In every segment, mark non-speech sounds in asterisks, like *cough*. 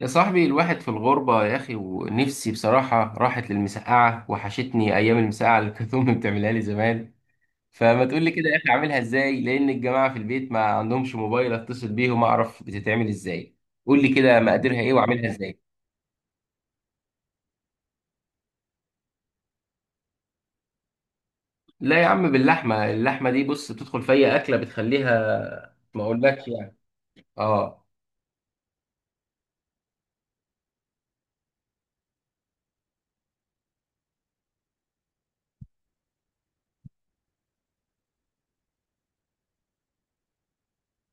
يا صاحبي الواحد في الغربة يا أخي، ونفسي بصراحة راحت للمسقعة، وحشتني أيام المسقعة اللي كانت أمي بتعملها لي زمان. فما تقول لي كده يا أخي أعملها إزاي؟ لأن الجماعة في البيت ما عندهمش موبايل أتصل بيهم أعرف بتتعمل إزاي. قول لي كده مقاديرها إيه وأعملها إزاي. لا يا عم، باللحمة. اللحمة دي بص بتدخل في أي أكلة بتخليها. ما أقولكش يعني. آه.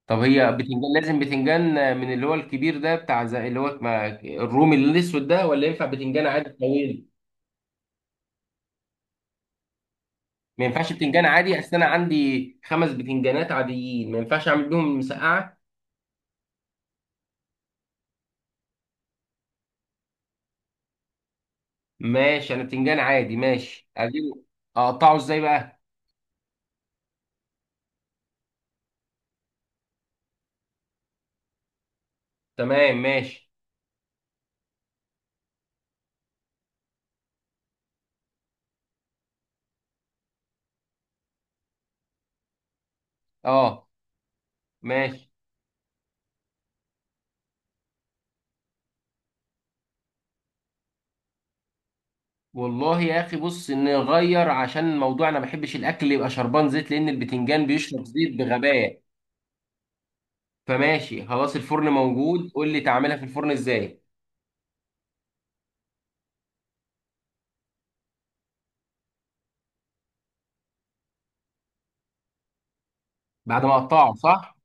طب هي بتنجان، لازم بتنجان من اللي هو الكبير ده، بتاع زي اللي هو الرومي الأسود ده؟ ولا ينفع بتنجان عادي طويل؟ ما ينفعش بتنجان عادي، اصل انا عندي 5 بتنجانات عاديين، ما ينفعش اعمل بيهم مسقعه. ماشي، انا بتنجان عادي ماشي اجيبه. اقطعه ازاي بقى؟ تمام ماشي. اه ماشي. والله يا اخي بص نغير، عشان الموضوع انا ما بحبش الاكل يبقى شربان زيت، لان البتنجان بيشرب زيت بغباء. فماشي خلاص، الفرن موجود، قول لي تعملها في الفرن ازاي. بعد ما اقطعه صح؟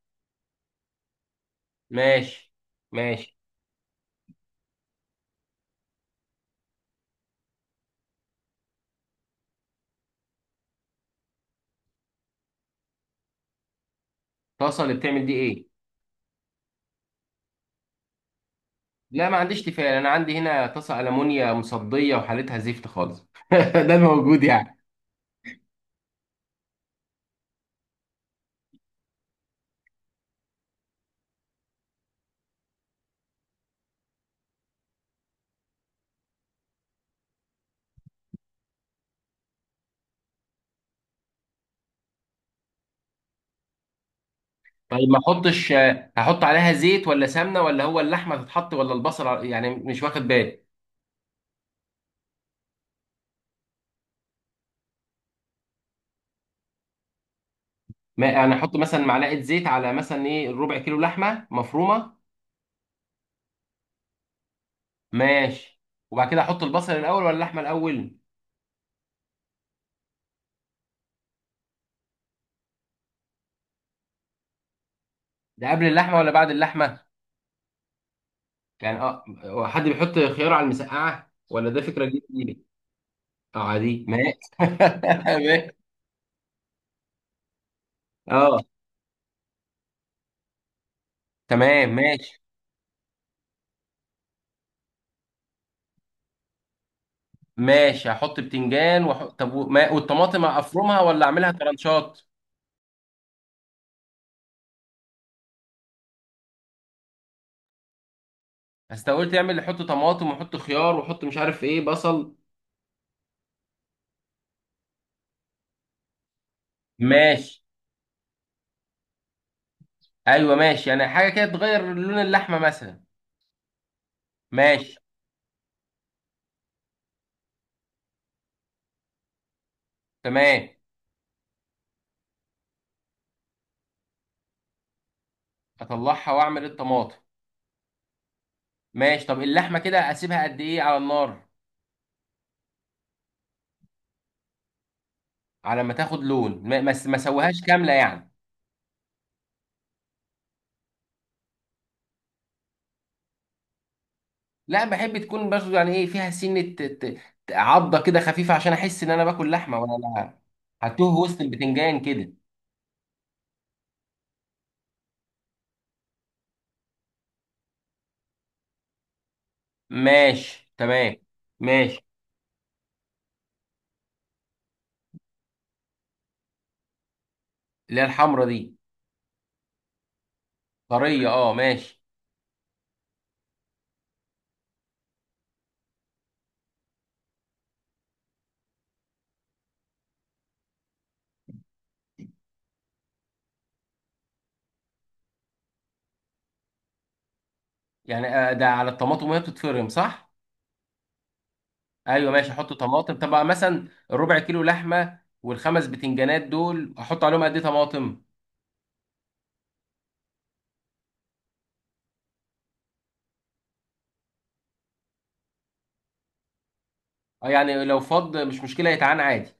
ماشي. ماشي. طاسه اللي بتعمل دي ايه؟ لا ما عنديش تيفال، انا عندي هنا طاسه المونيا مصديه وحالتها زفت خالص *laughs* ده الموجود يعني. طيب ما احطش، هحط عليها زيت ولا سمنه؟ ولا هو اللحمه تتحط ولا البصل يعني مش واخد بالي. ما انا احط مثلا معلقه زيت على مثلا ايه، ربع كيلو لحمه مفرومه. ماشي، وبعد كده احط البصل الاول ولا اللحمه الاول؟ ده قبل اللحمه ولا بعد اللحمه؟ يعني اه، هو حد بيحط خيار على المسقعه ولا ده فكره جديده؟ اه عادي، ما. *laughs* اه تمام ماشي. ماشي، هحط بتنجان وح... طب و- ما... والطماطم افرمها ولا اعملها ترانشات؟ بس أنت قلت اعمل، حط طماطم وحط خيار وحط مش عارف ايه، بصل. ماشي. ايوه ماشي، يعني حاجه كده تغير لون اللحمه مثلا. ماشي. تمام. اطلعها واعمل الطماطم. ماشي، طب اللحمه كده اسيبها قد ايه على النار؟ على ما تاخد لون، ما سويهاش كامله يعني. لا بحب تكون برضه، يعني ايه، فيها سنه عضه كده خفيفه، عشان احس ان انا باكل لحمه ولا لا. هتوه وسط البتنجان كده. ماشي تمام ماشي. اللي هي الحمرا دي؟ طريه، اه ماشي. يعني آه، ده على الطماطم وهي بتتفرم صح؟ ايوه ماشي، احط طماطم. طب بقى مثلا الربع كيلو لحمه والخمس بتنجانات دول احط عليهم قد ايه طماطم؟ اه يعني لو فض مش مشكله يتعان عادي.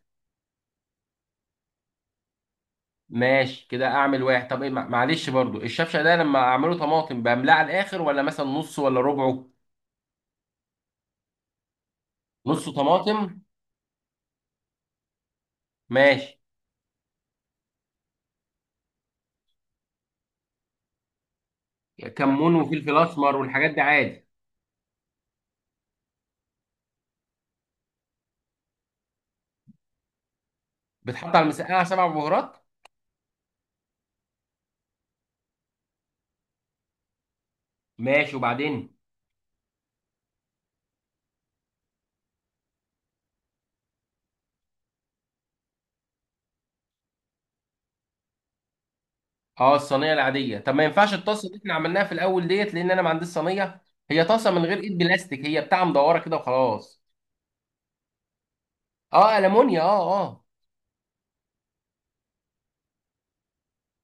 ماشي كده اعمل واحد. طب ايه معلش برضو الشفشه ده لما اعمله طماطم بملاه على الاخر ولا مثلا نص ولا ربعه؟ نص طماطم. ماشي. كمون وفلفل اسمر والحاجات دي عادي؟ بتحط على المسقعه سبع بهارات؟ ماشي، وبعدين؟ اه الصينيه العاديه. طب ما ينفعش الطاسه اللي احنا عملناها في الاول ديت؟ لان انا ما عنديش صينيه. هي طاسه من غير ايد بلاستيك، هي بتاع مدوره كده وخلاص. اه المونيا، اه اه.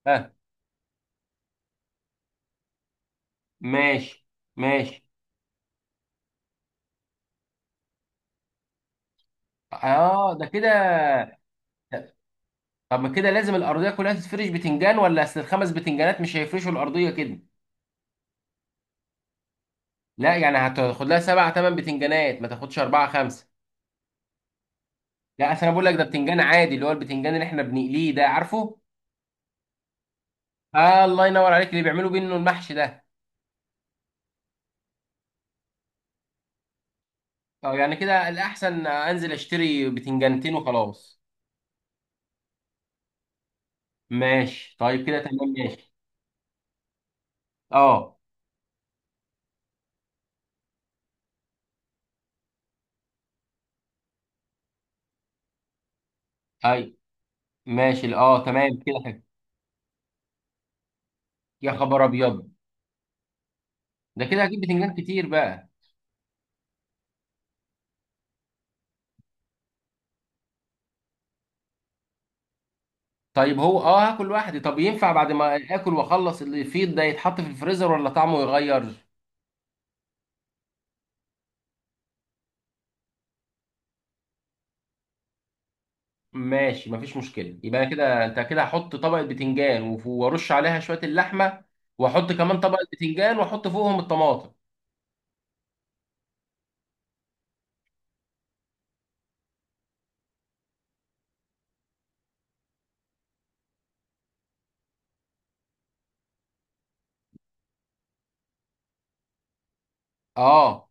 اه ماشي. ماشي. اه. ده كده. طب ما كده لازم الارضيه كلها تتفرش بتنجان؟ ولا اصل الخمس بتنجانات مش هيفرشوا الارضيه كده؟ لا يعني هتاخد لها 7 8 بتنجانات، ما تاخدش 4 5. لا اصل انا بقول لك، ده بتنجان عادي اللي هو البتنجان اللي احنا بنقليه ده، عارفه؟ آه الله ينور عليك، اللي بيعملوا بيه انه المحشي ده. اه يعني كده الاحسن انزل اشتري 2 بتنجان وخلاص. ماشي طيب، كده تمام ماشي. اه. اي ماشي. اه تمام كده حلو. يا خبر ابيض، ده كده هجيب بتنجان كتير بقى. طيب هو اه، هاكل لوحدي. طب ينفع بعد ما اكل واخلص اللي فيه ده يتحط في الفريزر ولا طعمه يغير؟ ماشي مفيش مشكله. يبقى كده انت كده، هحط طبقه بتنجان وارش عليها شويه اللحمه، واحط كمان طبقه بتنجان، واحط فوقهم الطماطم. اه.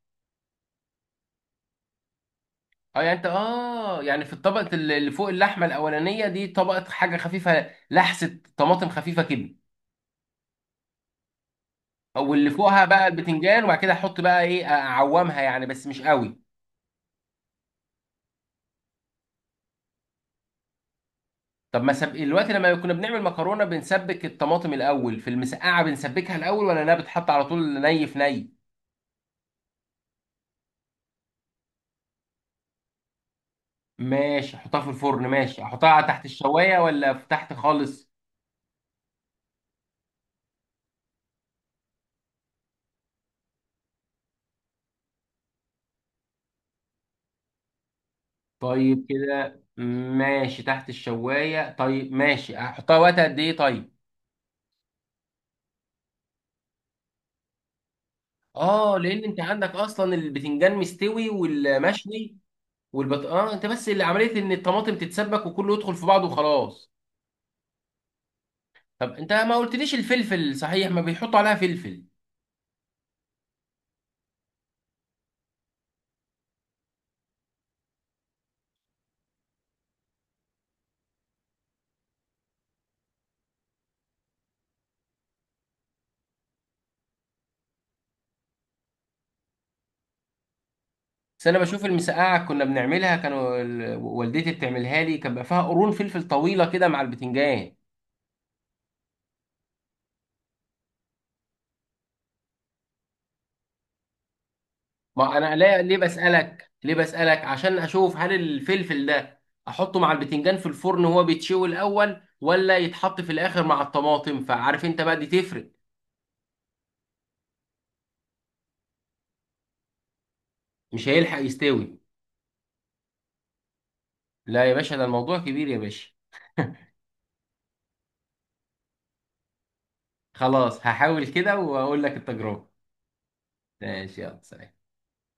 اه يعني انت اه، يعني في الطبقة اللي فوق اللحمة الأولانية دي طبقة حاجة خفيفة، لحسة طماطم خفيفة كده. او اللي فوقها بقى البتنجان، وبعد كده احط بقى ايه اعومها يعني بس مش قوي. طب ما سب... دلوقتي لما كنا بنعمل مكرونة بنسبك الطماطم الأول، في المسقعة بنسبكها الأول ولا انها بتحط على طول ني في ني؟ ماشي احطها في الفرن. ماشي احطها تحت الشواية ولا في تحت خالص؟ طيب كده ماشي تحت الشواية. طيب ماشي، احطها وقت قد ايه طيب؟ اه لان انت عندك اصلا البتنجان مستوي والمشوي والبط، اه. انت بس اللي عمليه ان الطماطم تتسبك وكله يدخل في بعضه وخلاص. طب انت ما قلتليش الفلفل صحيح، ما بيحطوا عليها فلفل؟ بس انا بشوف المسقعه كنا بنعملها، كانوا والدتي بتعملها لي، كان بقى فيها قرون فلفل طويله كده مع البتنجان. ما انا ليه، ليه بسالك عشان اشوف، هل الفلفل ده احطه مع البتنجان في الفرن وهو بيتشوي الاول، ولا يتحط في الاخر مع الطماطم؟ فعارف انت بقى دي تفرق. مش هيلحق يستوي؟ لا يا باشا، ده الموضوع كبير يا باشا. خلاص هحاول كده واقول لك التجربة. ماشي، يلا سلام.